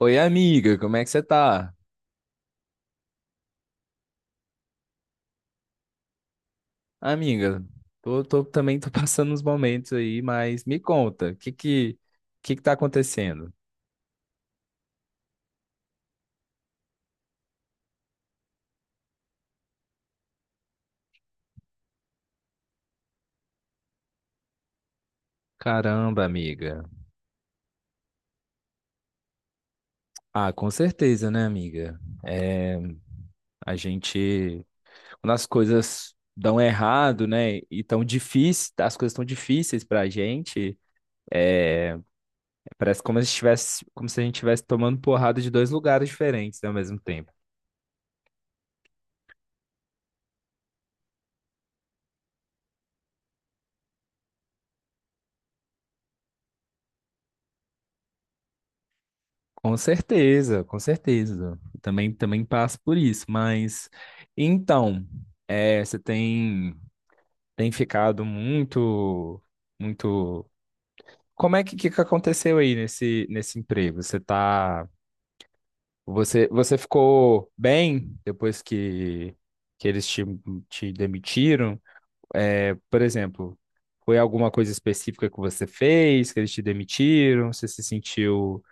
Oi, amiga, como é que você tá? Amiga, também tô passando uns momentos aí, mas me conta, o que que tá acontecendo? Caramba, amiga. Ah, com certeza, né, amiga? É, a gente, quando as coisas dão errado, né, e tão difícil, as coisas tão difíceis pra gente, é, parece como se estivesse, como se a gente estivesse tomando porrada de dois lugares diferentes, né, ao mesmo tempo. Com certeza, com certeza. Também, também passo por isso. Mas então, você tem ficado muito, muito. Como é que que aconteceu aí nesse emprego? Você tá, você ficou bem depois que que eles te demitiram? É, por exemplo, foi alguma coisa específica que você fez que eles te demitiram? Você se sentiu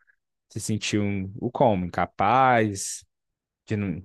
se sentiu o como? Incapaz? De não...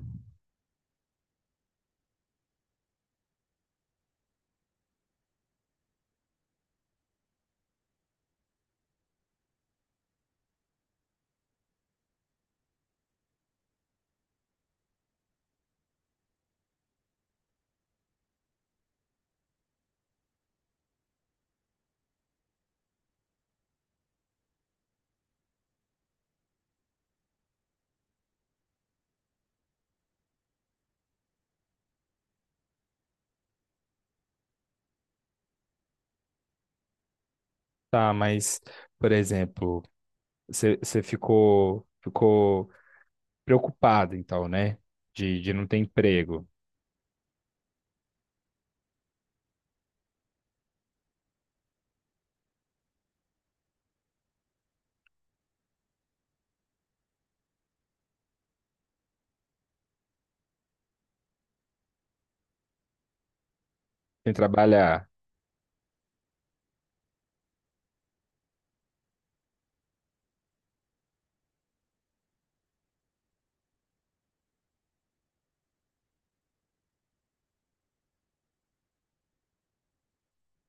Tá, mas, por exemplo, você ficou, ficou preocupado, então, né? De não ter emprego, sem trabalhar.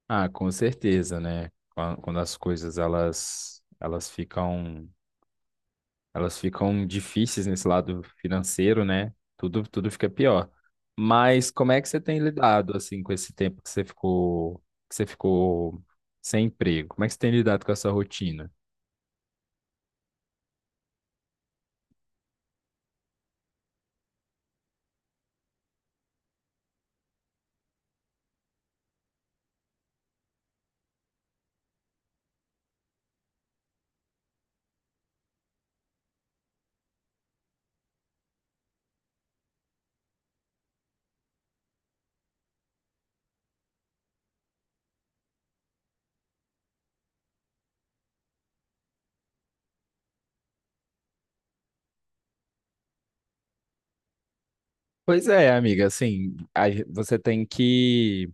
Ah, com certeza, né? Quando as coisas, elas, elas ficam difíceis nesse lado financeiro, né? Tudo, tudo fica pior. Mas como é que você tem lidado, assim, com esse tempo que você ficou sem emprego? Como é que você tem lidado com essa rotina? Pois é, amiga, assim, a você tem que.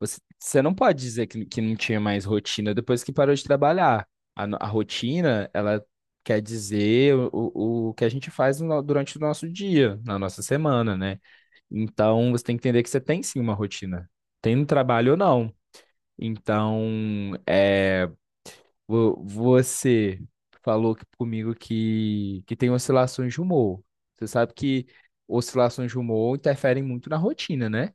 Você, você não pode dizer que não tinha mais rotina depois que parou de trabalhar. A, no- A rotina, ela quer dizer o que a gente faz durante o nosso dia, na nossa semana, né? Então, você tem que entender que você tem sim uma rotina, tem no trabalho ou não. Então, eh, Você comigo que tem oscilações de humor. Você sabe que oscilações de humor interferem muito na rotina, né?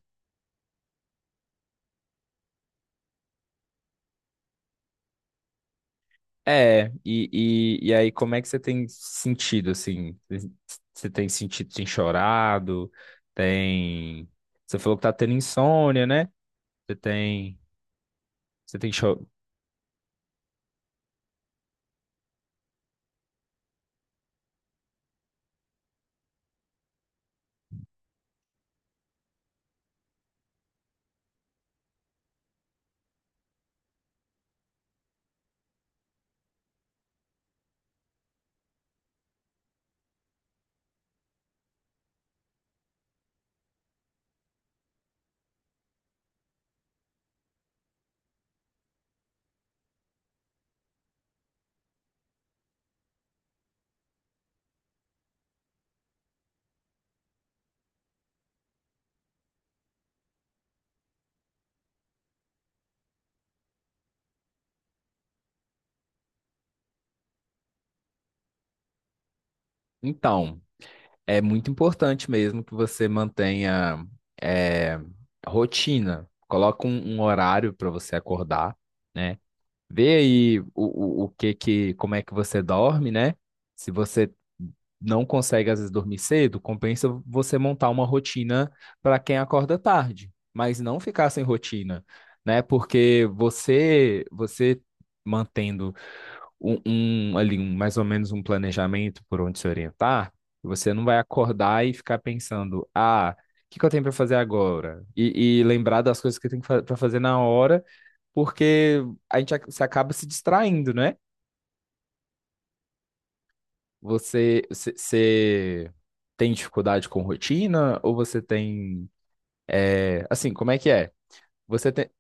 É, e, e aí como é que você tem sentido, assim? Você tem sentido, tem chorado, tem... Você falou que tá tendo insônia, né? Você tem... Você tem cho... Então, é muito importante mesmo que você mantenha é, rotina. Coloca um, um horário para você acordar, né? Vê aí o que que, como é que você dorme, né? Se você não consegue às vezes dormir cedo, compensa você montar uma rotina para quem acorda tarde, mas não ficar sem rotina, né? Porque você mantendo um, ali um, mais ou menos um planejamento por onde se orientar, você não vai acordar e ficar pensando, ah, o que que eu tenho para fazer agora? E lembrar das coisas que tem para fazer na hora, porque você acaba se distraindo, né? Você, você tem dificuldade com rotina ou você tem, é, assim, como é que é? Você tem,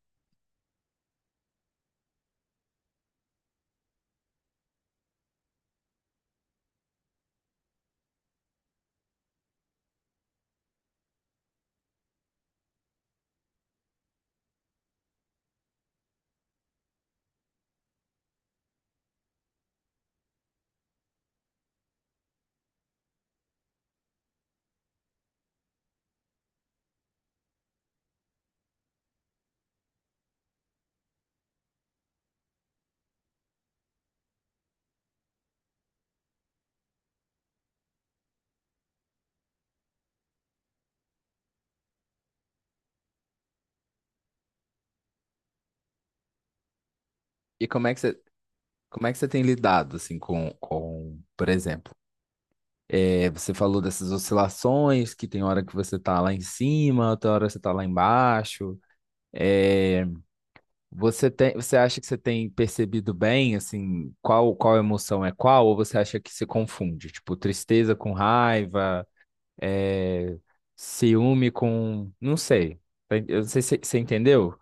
e como é que você tem lidado assim com, por exemplo? É, você falou dessas oscilações, que tem hora que você tá lá em cima, outra hora você tá lá embaixo. É, você tem, você acha que você tem percebido bem, assim, qual emoção é qual, ou você acha que se confunde? Tipo, tristeza com raiva, é, ciúme com, não sei. Eu não sei se você entendeu?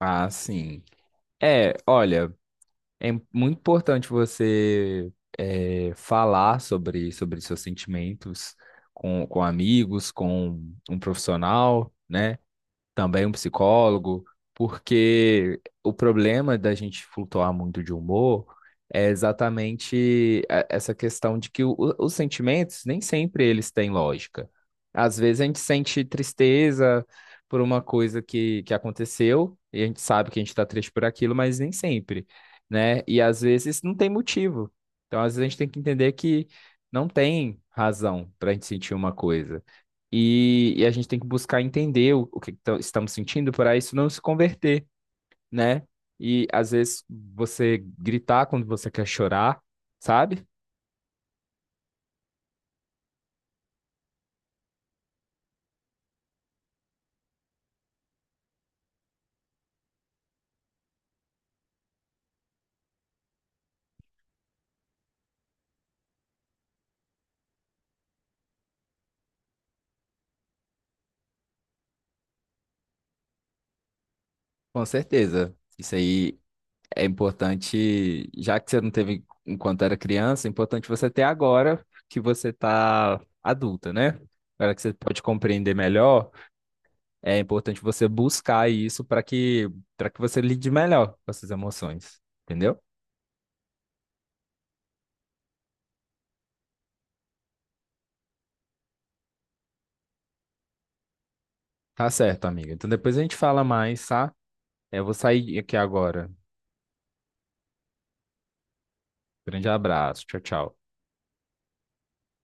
Ah, sim. É, olha. É muito importante você falar sobre, sobre seus sentimentos com amigos, com um profissional, né? Também um psicólogo, porque o problema da gente flutuar muito de humor é exatamente essa questão de que os sentimentos nem sempre eles têm lógica. Às vezes a gente sente tristeza por uma coisa que aconteceu e a gente sabe que a gente está triste por aquilo, mas nem sempre, né? E às vezes não tem motivo. Então, às vezes a gente tem que entender que não tem razão para a gente sentir uma coisa. E a gente tem que buscar entender o que que estamos sentindo para isso não se converter, né? E às vezes você gritar quando você quer chorar, sabe? Com certeza. Isso aí é importante, já que você não teve enquanto era criança, é importante você ter agora que você tá adulta, né? Agora que você pode compreender melhor, é importante você buscar isso para que você lide melhor com essas emoções, entendeu? Tá certo, amiga. Então depois a gente fala mais, tá? É, eu vou sair aqui agora. Grande abraço. Tchau, tchau.